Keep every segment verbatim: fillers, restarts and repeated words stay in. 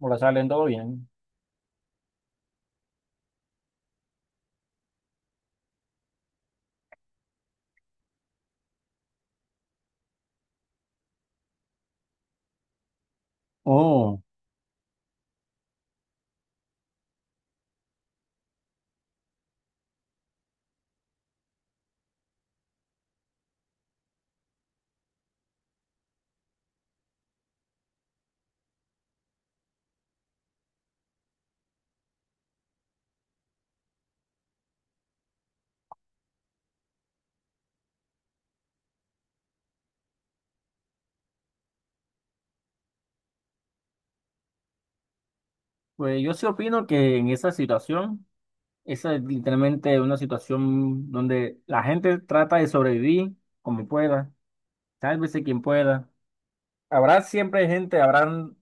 Hola, salen todo bien. Oh, pues yo sí opino que en esa situación, esa es literalmente una situación donde la gente trata de sobrevivir como pueda, sálvese quien pueda. Habrá siempre gente, habrán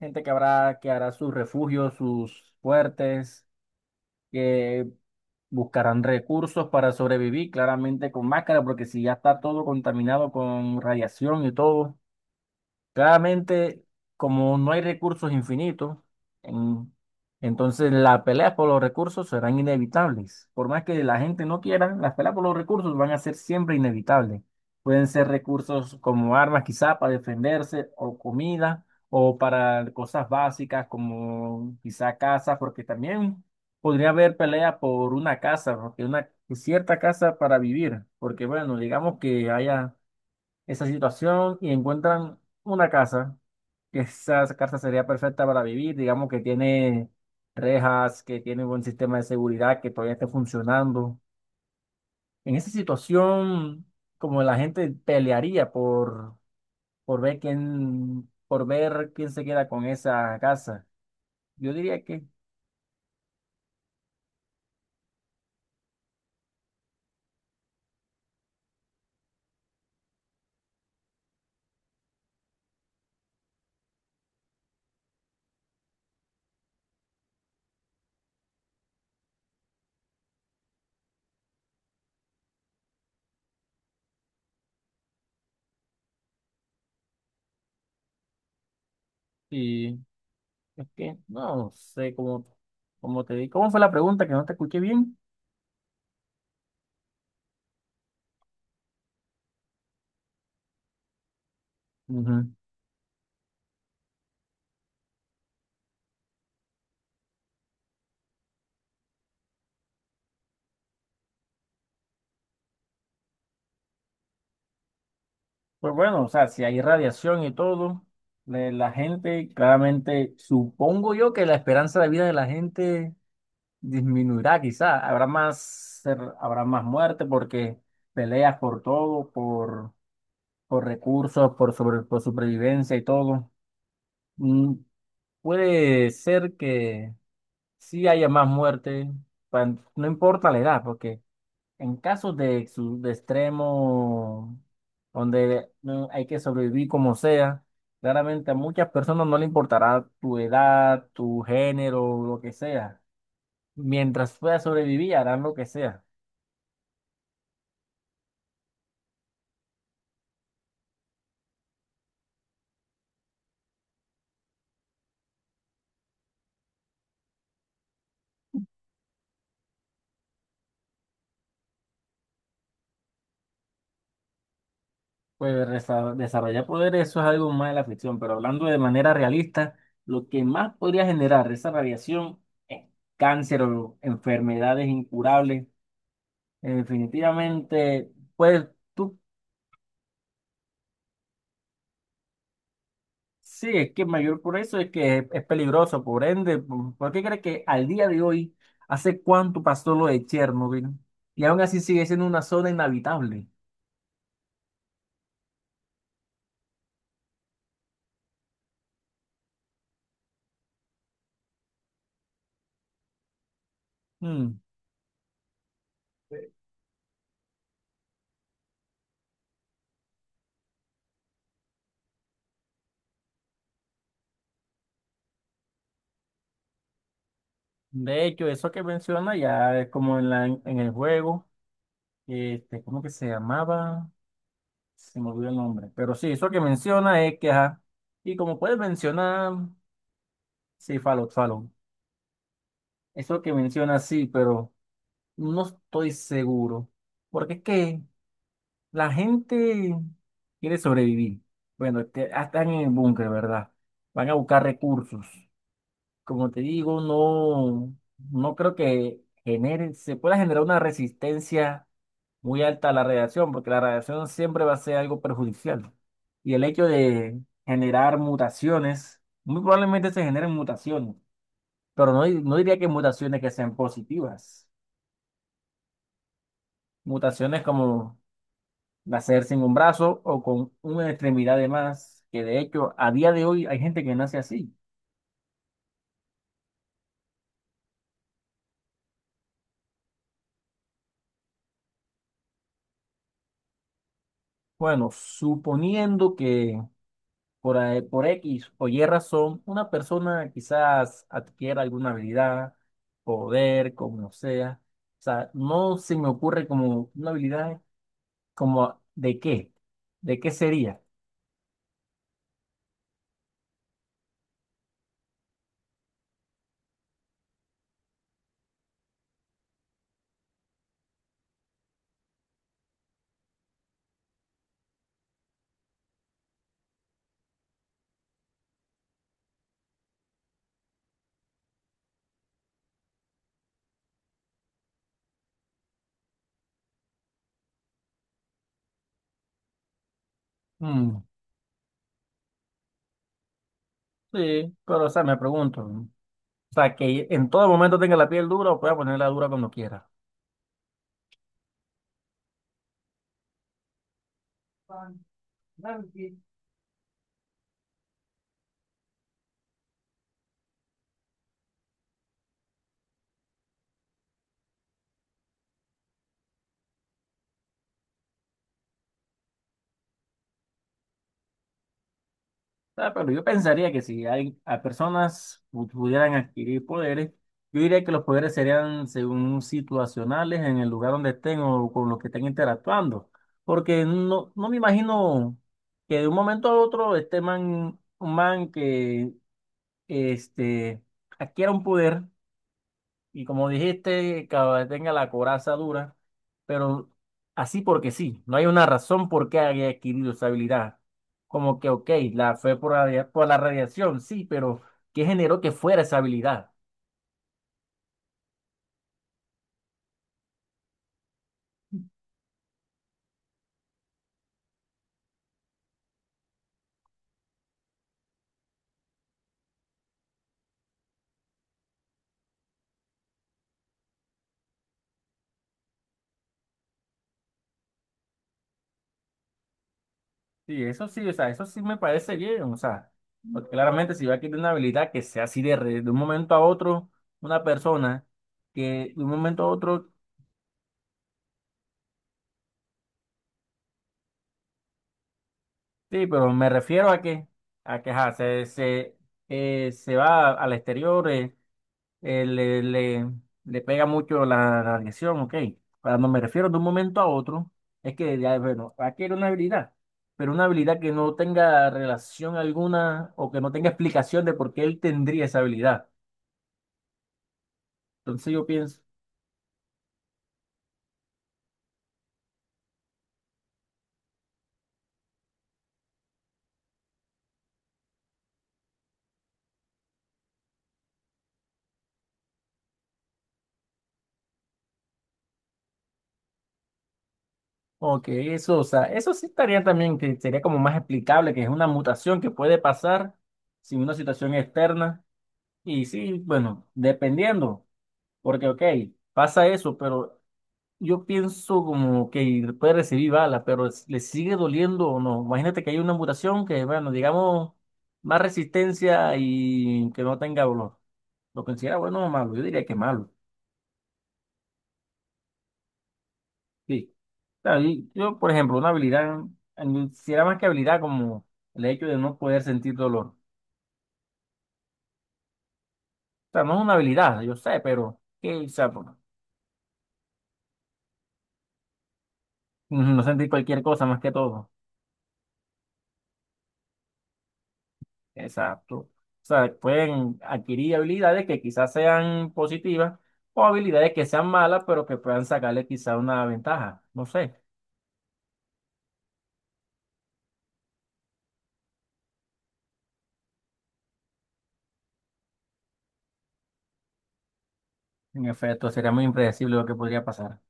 gente que habrá que hará sus refugios, sus fuertes, que buscarán recursos para sobrevivir, claramente con máscara, porque si ya está todo contaminado con radiación y todo. Claramente, como no hay recursos infinitos, en- entonces las peleas por los recursos serán inevitables. Por más que la gente no quiera, las peleas por los recursos van a ser siempre inevitables. Pueden ser recursos como armas, quizá para defenderse, o comida, o para cosas básicas como quizá casa, porque también podría haber pelea por una casa, porque una cierta casa para vivir, porque bueno, digamos que haya esa situación y encuentran una casa, que esa casa sería perfecta para vivir, digamos que tiene rejas, que tiene un buen sistema de seguridad, que todavía esté funcionando. En esa situación, como la gente pelearía por, por ver quién, por ver quién se queda con esa casa. Yo diría que sí, es que no sé cómo, cómo te di. ¿Cómo fue la pregunta que no te escuché bien? Ujú. Pues bueno, o sea, si hay radiación y todo, le- la gente, claramente, supongo yo que la esperanza de vida de la gente disminuirá, quizá. Habrá más, ser- habrá más muerte porque peleas por todo, por, por recursos, por, sobre, por supervivencia y todo. Mm, puede ser que sí haya más muerte, pa- no importa la edad, porque en casos de, exu- de extremo, donde mm, hay que sobrevivir como sea, claramente a muchas personas no le importará tu edad, tu género, lo que sea. Mientras puedas sobrevivir, harán lo que sea. Pues resa- desarrollar poder, eso es algo más de la ficción, pero hablando de manera realista, lo que más podría generar esa radiación es cáncer o enfermedades incurables. Eh, Definitivamente, pues tú sí, es que mayor por eso es que es, es peligroso, por ende, ¿por por qué crees que al día de hoy, hace cuánto pasó lo de Chernobyl? Y aún así sigue siendo una zona inhabitable. Mm. De hecho, eso que menciona ya es como en la, en el juego, este, ¿cómo que se llamaba? Se me olvidó el nombre. Pero sí, eso que menciona es que, ajá, y como puedes mencionar, sí, Fallout, Fallout. Eso que menciona sí, pero no estoy seguro. Porque es que la gente quiere sobrevivir. Bueno, este, ah, están en el búnker, ¿verdad? Van a buscar recursos. Como te digo, no, no creo que genere, se pueda generar una resistencia muy alta a la radiación, porque la radiación siempre va a ser algo perjudicial. Y el hecho de generar mutaciones, muy probablemente se generen mutaciones, pero no, di- no diría que mutaciones que sean positivas. Mutaciones como nacer sin un brazo o con una extremidad de más, que de hecho a día de hoy hay gente que nace así. Bueno, suponiendo que por, a- por X o Y razón, una persona quizás adquiera alguna habilidad, poder, como sea. O sea, no se me ocurre como una habilidad como de qué, de qué sería. Mm, sí, pero o sea, me pregunto, ¿no? O sea, que en todo momento tenga la piel dura o pueda ponerla dura cuando quiera. Ah, pero yo pensaría que si hay, a personas pu- pudieran adquirir poderes, yo diría que los poderes serían según situacionales en el lugar donde estén o con los que estén interactuando. Porque no, no me imagino que de un momento a otro este man, un man que este, adquiera un poder. Y como dijiste, que tenga la coraza dura, pero así porque sí, no hay una razón por qué haya adquirido esa habilidad. Como que, ok, la fue por, radia- por la radiación, sí, pero ¿qué generó que fuera esa habilidad? Sí, eso sí, o sea, eso sí me parece bien, o sea, porque claramente si va a adquirir una habilidad que sea así de, re- de un momento a otro, una persona que de un momento a otro, sí, pero me refiero a que, a que ajá, se, se, eh, se va al exterior. eh, eh, le, le- Le pega mucho la la radiación, ok. Cuando me refiero de un momento a otro, es que, ya, bueno, adquiere una habilidad, pero una habilidad que no tenga relación alguna o que no tenga explicación de por qué él tendría esa habilidad. Entonces yo pienso, ok, eso, o sea, eso sí estaría también, que sería como más explicable, que es una mutación que puede pasar sin una situación externa. Y sí, bueno, dependiendo, porque, ok, pasa eso, pero... Yo pienso como que puede recibir bala, pero es- ¿le sigue doliendo o no? Imagínate que hay una mutación que, bueno, digamos, más resistencia y que no tenga dolor. ¿Lo considera bueno o malo? Yo diría que malo. Sí. Claro, y yo, por ejemplo, una habilidad, eh, si era más que habilidad, como el hecho de no poder sentir dolor. O sea, no es una habilidad, yo sé, pero, ¿qué? O sea, por- no sentir cualquier cosa más que todo. Exacto. O sea, pueden adquirir habilidades que quizás sean positivas o habilidades que sean malas, pero que puedan sacarle quizás una ventaja. No sé. En efecto, sería muy impredecible lo que podría pasar.